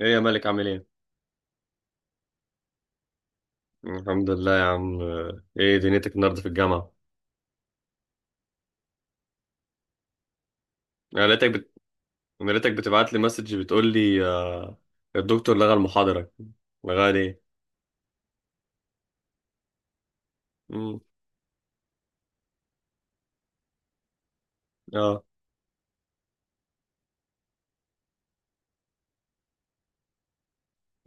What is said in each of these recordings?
ايه يا مالك عامل ايه؟ الحمد لله يا عم. ايه دنيتك النهارده في الجامعة؟ انا لقيتك بت... انا لقيتك بتبعت لي مسج بتقول لي الدكتور لغى المحاضرة. لغاها ليه؟ امم اه.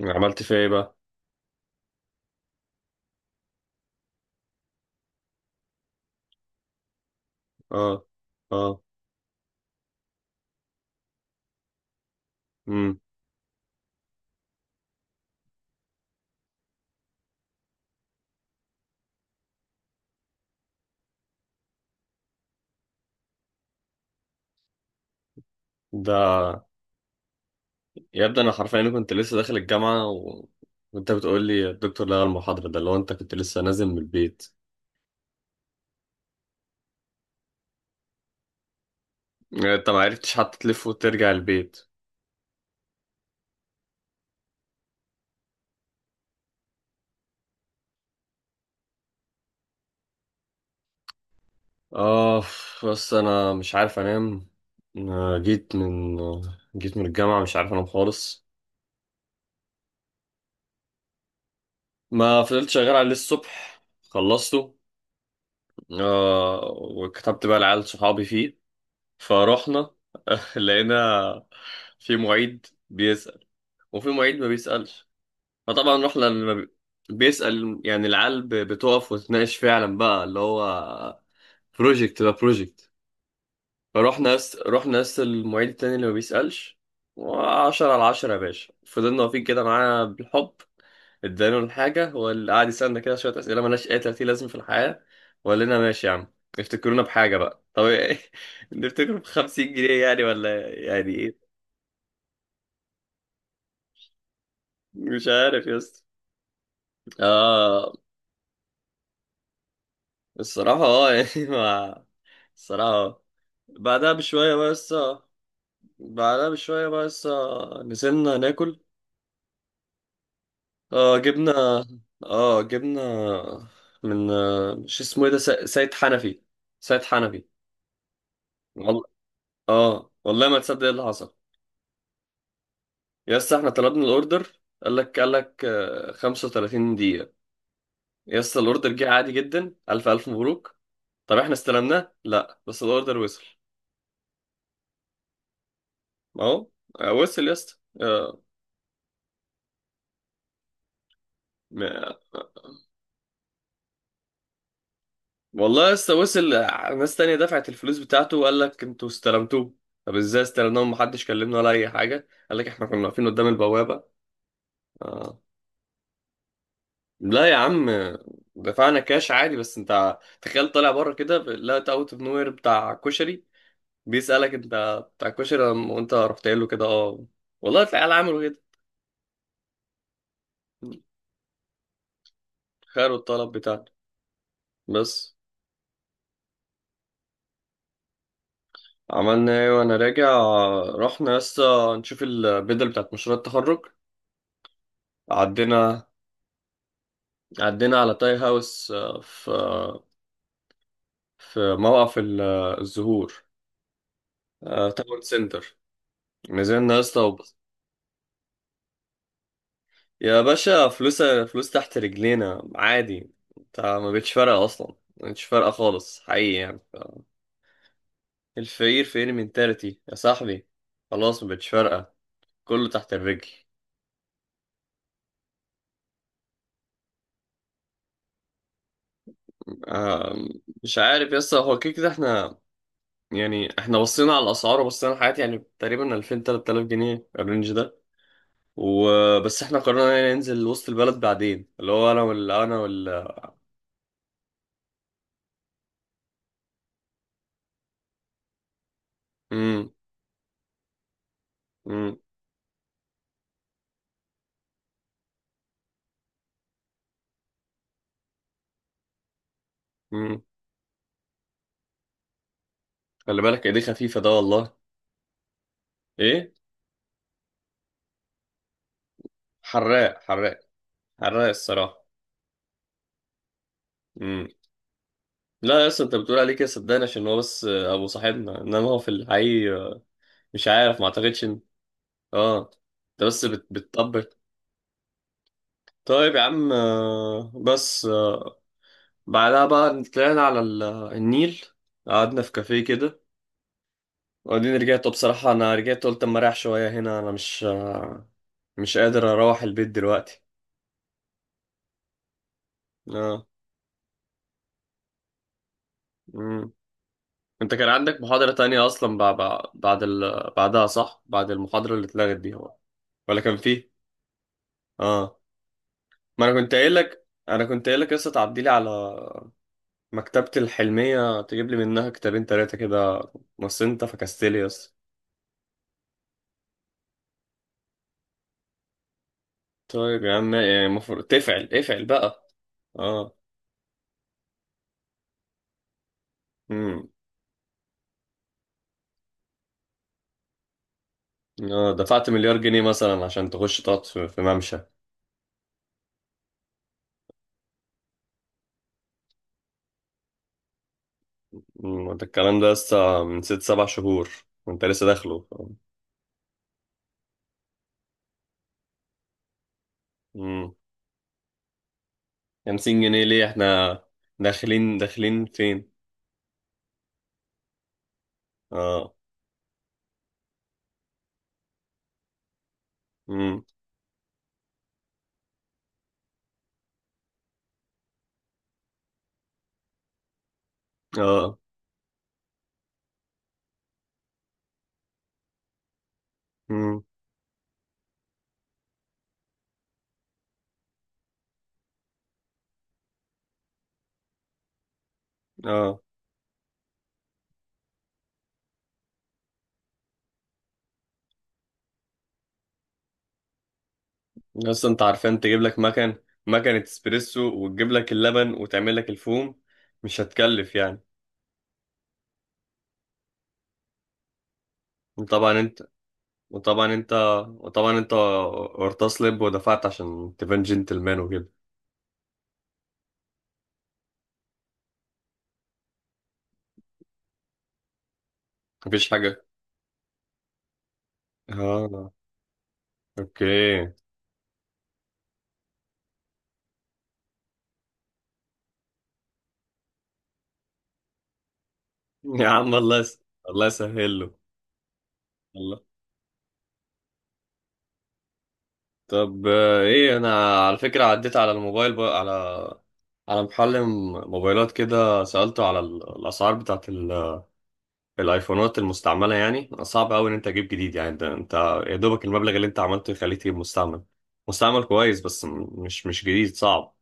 عملت فيها ايه بقى؟ اه، اه، امم ده يبدو انا حرفيا كنت لسه داخل الجامعة وانت بتقول لي الدكتور لغى المحاضرة، ده اللي هو انت كنت لسه نازل من البيت. انت ما عرفتش حتى تلف وترجع البيت. اه بس انا مش عارف انام. أنا جيت من الجامعه مش عارف انام خالص. ما فضلت شغال عليه الصبح، خلصته. آه، وكتبت بقى لعيال صحابي فيه. فرحنا. لقينا في معيد بيسأل وفي معيد ما بيسألش. فطبعا رحنا اللي ما بي- بيسأل، يعني العيال بتقف وتناقش فعلا بقى، اللي هو بروجكت ده بروجكت. رحنا ناس المعيد التاني اللي ما بيسألش. وعشرة على عشرة يا باشا، فضلنا واقفين كده معانا بالحب. ادانا الحاجة، هو اللي قعد يسألنا كده شوية أسئلة مالهاش أي 30 لازم في الحياة، وقال لنا ماشي يا عم. افتكرونا بحاجة بقى، طب إيه؟ نفتكر ب50 جنيه يعني، ولا يعني ايه. مش عارف يا اسطى. اه، الصراحة اه يعني ما الصراحة اه. بعدها بشوية بقى لسه بعدها بشوية بقى لسه نزلنا ناكل. اه جبنا اه جبنا من مش اسمه ايه ده، سيد حنفي. سيد حنفي. والله اه، والله ما تصدق ايه اللي حصل. يا اسطى احنا طلبنا الاوردر، قال لك 35 دقيقة. يا اسطى الاوردر جه عادي جدا، الف الف مبروك. طب احنا استلمناه؟ لا بس الاوردر وصل. ما هو وصل يا اسطى. آه، والله لسه وصل. ناس تانية دفعت الفلوس بتاعته وقال لك انتوا استلمتوه. طب ازاي استلمناه ومحدش كلمنا ولا اي حاجة؟ قال لك احنا كنا واقفين قدام البوابة. آه. لا يا عم، دفعنا كاش عادي. بس انت تخيل طالع بره كده لقيت اوت اوف نوير بتاع كشري بيسألك انت بتاع كشري وانت رحت قايل له كده اه. والله العيال عملوا كده، خيروا الطلب بتاعنا بس. عملنا ايه وانا راجع؟ رحنا لسه نشوف البدل بتاعت مشروع التخرج. عدينا. عدينا على تاي هاوس في موقف الزهور، تاون سنتر. نزلنا يا اسطى يا باشا فلوس فلوس تحت رجلينا عادي. انت ما بقتش فارقه اصلا، ما بقتش فارقه خالص حقيقي يعني الفقير فقير منتاليتي يا صاحبي. خلاص ما بقتش فارقه، كله تحت الرجل. آه، مش عارف يا اسطى، هو كده كده احنا، يعني احنا بصينا على الاسعار وبصينا على الحاجات، يعني تقريبا 2000 3000 جنيه الرينج ده. وبس احنا قررنا يعني ننزل وسط البلد بعدين، اللي هو انا وال. امم. امم. امم. خلي بالك ايديه خفيفه ده والله. ايه، حراق حراق، حراق الصراحه. امم. لا يا اسطى، انت بتقول عليه كده صدقني عشان هو بس ابو صاحبنا، انما هو في الحقيقي مش عارف، ما اعتقدش ان. اه، انت بس بتطبل. طيب يا عم، آه، بس آه، بعدها بقى طلعنا على النيل. قعدنا في كافيه كده. وبعدين رجعت بصراحة، أنا رجعت قلت أما أريح شوية هنا، أنا مش قادر أروح البيت دلوقتي. آه. مم. أنت كان عندك محاضرة تانية أصلا، بعد بعدها صح؟ بعد المحاضرة اللي اتلغت دي هو، ولا كان فيه؟ آه. ما أنا كنت قايل لك أنا كنت قايل لك لسه تعدي لي على مكتبة الحلمية تجيب لي منها كتابين تلاتة كده، بس أنت فكستلي يس. طيب يا عم، يعني المفروض افعل بقى. آه. مم. دفعت مليار جنيه مثلا عشان تخش تقعد في ممشى. ده الكلام ده لسه من ست سبع شهور وانت لسه داخله. امم. 50 جنيه ليه؟ احنا داخلين فين؟ اه. امم. اه. امم. اه. لسه انت عارفان تجيب لك مكنة اسبريسو وتجيب لك اللبن وتعمل لك الفوم، مش هتكلف يعني. وطبعا انت وطبعا انت وطبعا انت ارتسلب ودفعت عشان تبان جنتلمان وكده. مفيش حاجة. اه. اوكي. يا عم الله يسهل له. الله. طب ايه، انا على فكرة عديت على الموبايل بقى، على على محل موبايلات كده، سألته على الاسعار بتاعت الايفونات المستعملة. يعني صعب قوي ان انت تجيب جديد، يعني ده انت يا دوبك المبلغ اللي انت عملته يخليك تجيب مستعمل. مستعمل كويس بس مش جديد، صعب.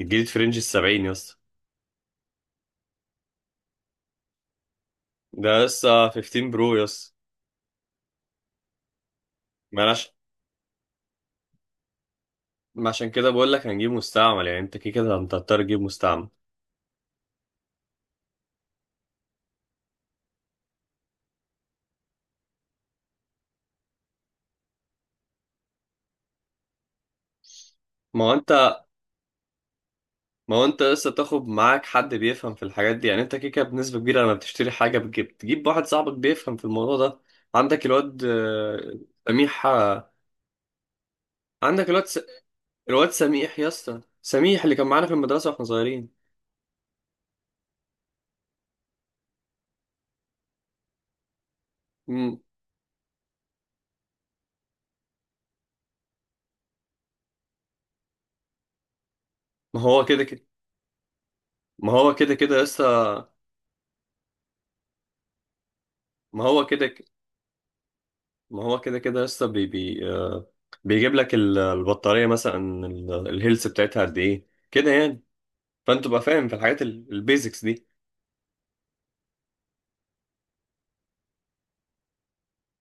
الجديد في رينج السبعين يا اسطى. ده لسه 15 برو يا اسطى. ما أنا عش- ما عشان كده بقول لك هنجيب مستعمل، يعني انت كده كده انت هتضطر تجيب مستعمل. ما هو ما هو انت لسه تاخد معاك حد بيفهم في الحاجات دي، يعني انت كده كده بنسبة كبيرة لما بتشتري حاجة تجيب واحد صاحبك بيفهم في الموضوع ده. عندك الواد سميح. عندك الواد س... الواد سميح يا اسطى، سميح اللي كان معانا في المدرسة واحنا صغيرين. مم. ما هو كده كده، ما هو كده كده يا اسطى. ما هو كده ك- ما هو كده كده يا اسطى، بي... بي... آه، بيجيب لك البطارية مثلا الهيلث بتاعتها قد ايه كده يعني. فانت تبقى فاهم في الحاجات البيزكس.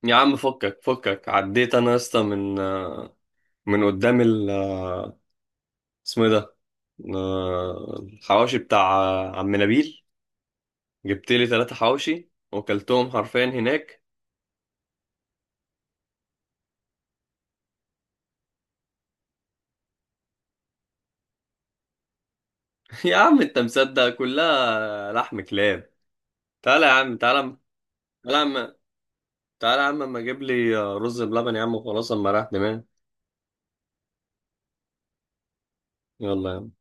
يا عم فكك فكك، عديت انا يا اسطى من قدام اسمه ايه ده، الحواوشي بتاع عم نبيل. جبت لي 3 حواوشي وكلتهم حرفيا هناك. يا عم انت مصدق كلها لحم كلاب. تعالى يا عم تعالى. تعالى يا عم، تعالى يا عم اما اجيب لي رز بلبن يا عم وخلاص، اما راح دماغي. يلا يا عم.